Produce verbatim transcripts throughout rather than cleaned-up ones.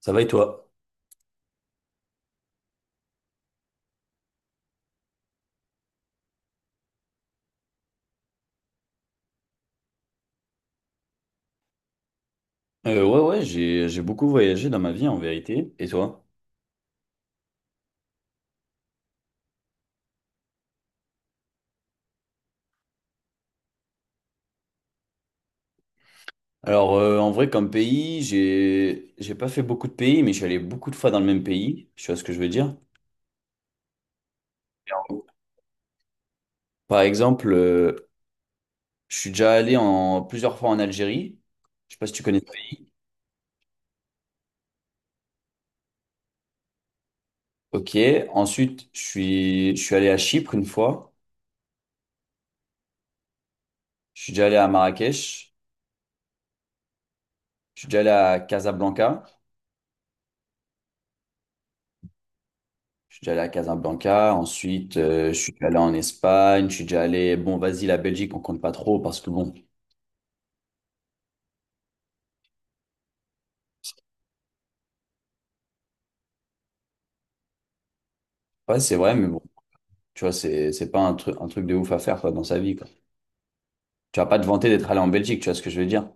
Ça va et toi? Euh, ouais, ouais, j'ai, j'ai beaucoup voyagé dans ma vie en vérité. Et toi? Alors, euh, en vrai, comme pays, j'ai, j'ai pas fait beaucoup de pays, mais je suis allé beaucoup de fois dans le même pays. Tu vois ce que je veux dire? Par exemple, euh, je suis déjà allé en, plusieurs fois en Algérie. Je sais pas si tu connais ce pays. Ok. Ensuite, je suis, je suis allé à Chypre une fois. Je suis déjà allé à Marrakech. Je suis déjà allé à Casablanca. Je suis déjà allé à Casablanca, ensuite euh, je suis déjà allé en Espagne, je suis déjà allé, bon vas-y la Belgique on compte pas trop parce que bon, ouais c'est vrai mais bon, tu vois c'est c'est pas un truc un truc de ouf à faire quoi dans sa vie quoi. Tu vas pas te vanter d'être allé en Belgique, tu vois ce que je veux dire.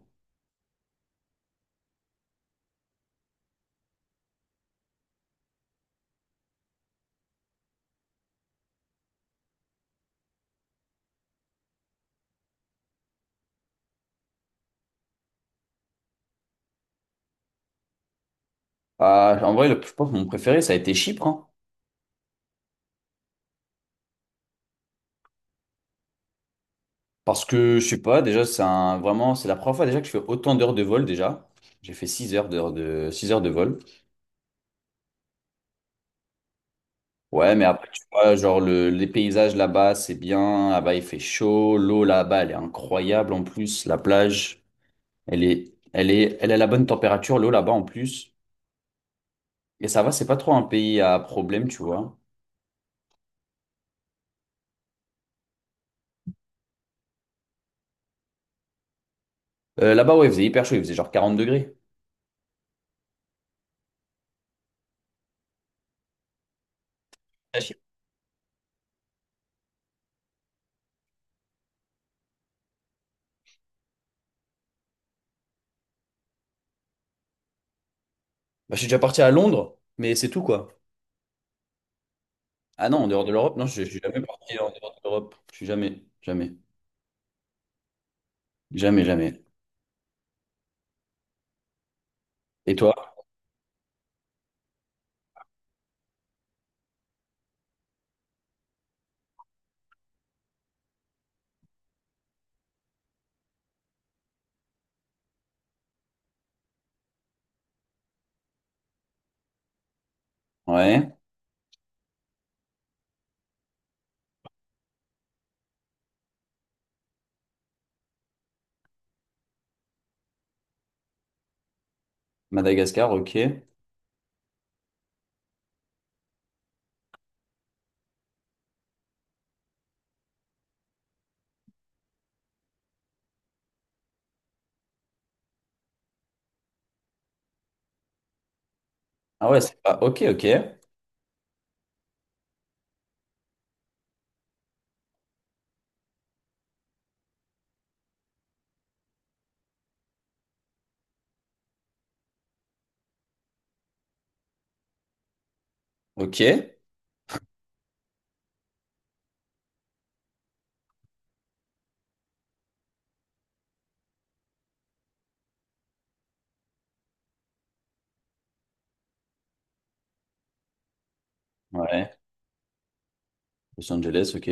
Ah, en vrai le- je pense que mon préféré ça a été Chypre hein. Parce que je sais pas déjà c'est un vraiment c'est la première fois déjà que je fais autant d'heures de vol déjà. J'ai fait six heures d'heures de six heures de vol. Ouais, mais après tu vois genre le, les paysages là-bas, c'est bien, là-bas il fait chaud, l'eau là-bas elle est incroyable en plus, la plage. Elle est, elle est, elle a la bonne température, l'eau là-bas en plus. Et ça va, c'est pas trop un pays à problème, tu vois. Euh, là-bas, ouais, il faisait hyper chaud, il faisait genre quarante degrés. Ah, je Bah, je suis déjà parti à Londres, mais c'est tout, quoi. Ah non, en dehors de l'Europe, non, je, je suis jamais parti en dehors de l'Europe. Je suis jamais, jamais, jamais, jamais. Et toi? Ouais, Madagascar, ok. Ah ouais, c'est pas, ok, ok, ok. Ouais, Los Angeles, ok.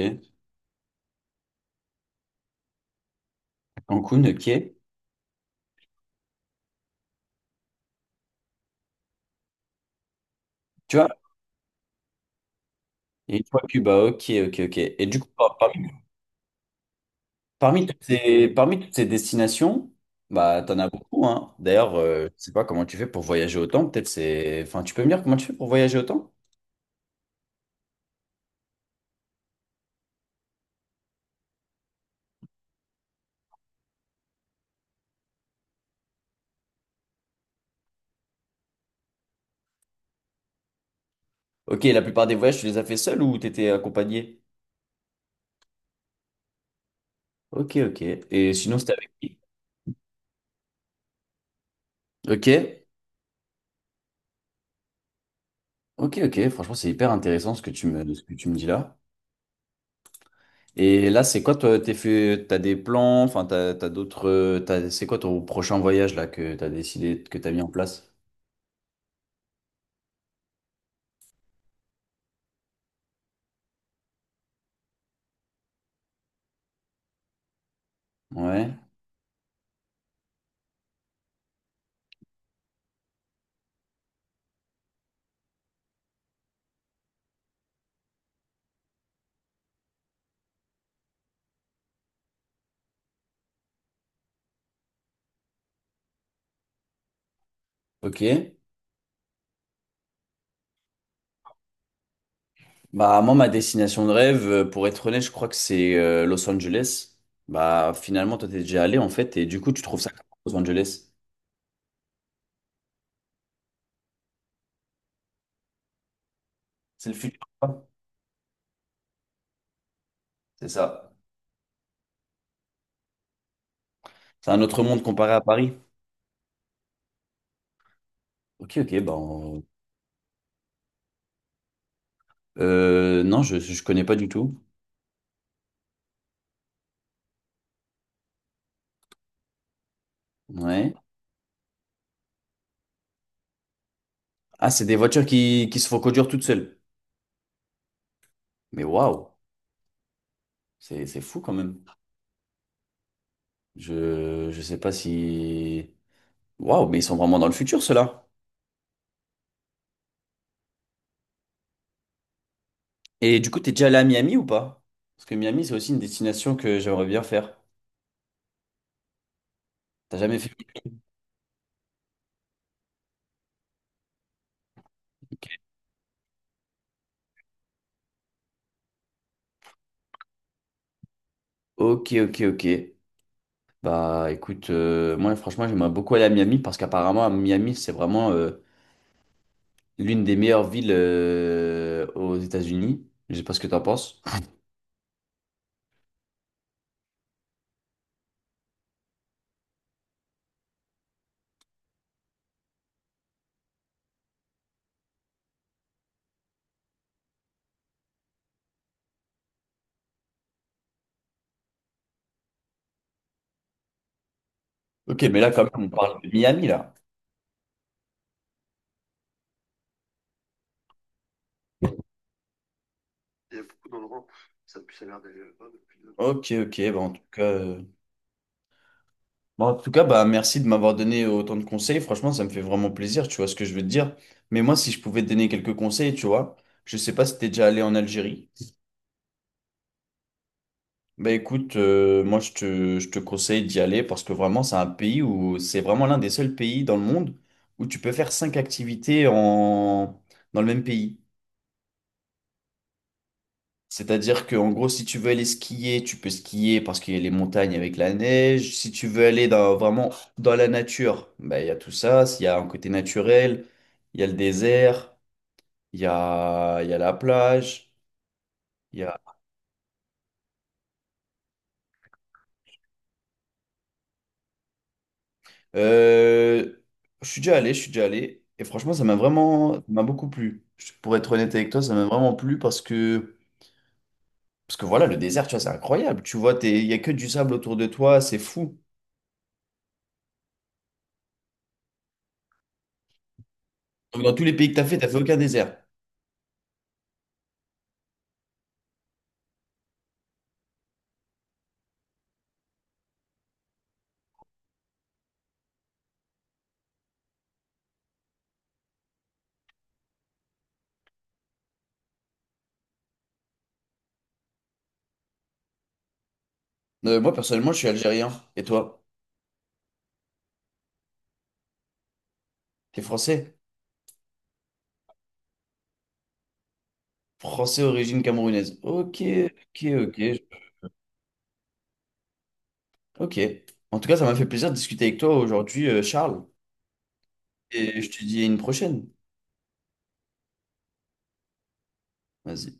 Cancun, ok. Tu vois? Et toi, Cuba, ok, ok, ok. Et du coup, par- parmi Parmi toutes ces, parmi toutes ces destinations, bah, tu en as beaucoup, hein. D'ailleurs, euh, je ne sais pas comment tu fais pour voyager autant. Peut-être c'est... Enfin, tu peux me dire comment tu fais pour voyager autant? Ok, la plupart des voyages, tu les as fait seul ou tu étais accompagné? Ok, ok. Et sinon, c'était avec qui? Ok, ok, ok. Franchement, c'est hyper intéressant ce que tu me, ce que tu me dis là. Et là, c'est quoi, toi, t'es fait, t'as des plans, enfin, t'as, t'as d'autres, euh, t'as- c'est quoi ton prochain voyage là que t'as décidé, que t'as mis en place? Ouais, ok. Bah, moi, ma destination de rêve, euh, pour être honnête, je crois que c'est euh, Los Angeles. Bah, finalement, toi, t'es déjà allé, en fait, et du coup, tu trouves ça comment, Los Angeles? C'est le futur, quoi. C'est ça. C'est un autre monde comparé à Paris. Ok, ok, bah, on- euh, non, je, je connais pas du tout. Ouais. Ah, c'est des voitures qui, qui se font conduire toutes seules. Mais waouh, c'est, c'est fou quand même. Je, je sais pas si. Waouh, mais ils sont vraiment dans le futur, ceux-là. Et du coup, t'es déjà allé à Miami ou pas? Parce que Miami, c'est aussi une destination que j'aimerais bien faire. T'as jamais fait? Ok, ok, ok. Bah écoute, euh, moi franchement j'aimerais beaucoup aller à Miami parce qu'apparemment à Miami c'est vraiment euh, l'une des meilleures villes euh, aux États-Unis. Je sais pas ce que t'en penses. Ok, mais là quand même on parle de Miami là. Ok, ok, bah en tout cas, euh, bon, en tout cas bah merci de m'avoir donné autant de conseils. Franchement ça me fait vraiment plaisir, tu vois ce que je veux te dire. Mais moi si je pouvais te donner quelques conseils, tu vois, je sais pas si t'es déjà allé en Algérie. Bah écoute, euh, moi je te, je te conseille d'y aller parce que vraiment c'est un pays où c'est vraiment l'un des seuls pays dans le monde où tu peux faire cinq activités en, dans le même pays. C'est-à-dire que en gros si tu veux aller skier, tu peux skier parce qu'il y a les montagnes avec la neige. Si tu veux aller dans, vraiment dans la nature, bah il y a tout ça. S'il y a un côté naturel, il y a le désert, il y a, il y a la plage. Euh, je suis déjà allé, je suis déjà allé. Et franchement, ça m'a vraiment, ça m'a beaucoup plu. Je- Pour être honnête avec toi, ça m'a vraiment plu parce que, parce que voilà, le désert, tu vois, c'est incroyable. Tu vois, t'es- il y a que du sable autour de toi, c'est fou. Donc, dans tous les pays que t'as fait, t'as fait aucun désert. Euh, moi, personnellement, je suis algérien. Et toi? T'es français? Français, origine camerounaise. Ok, ok, ok, ok. En tout cas, ça m'a fait plaisir de discuter avec toi aujourd'hui, euh, Charles. Et je te dis à une prochaine. Vas-y.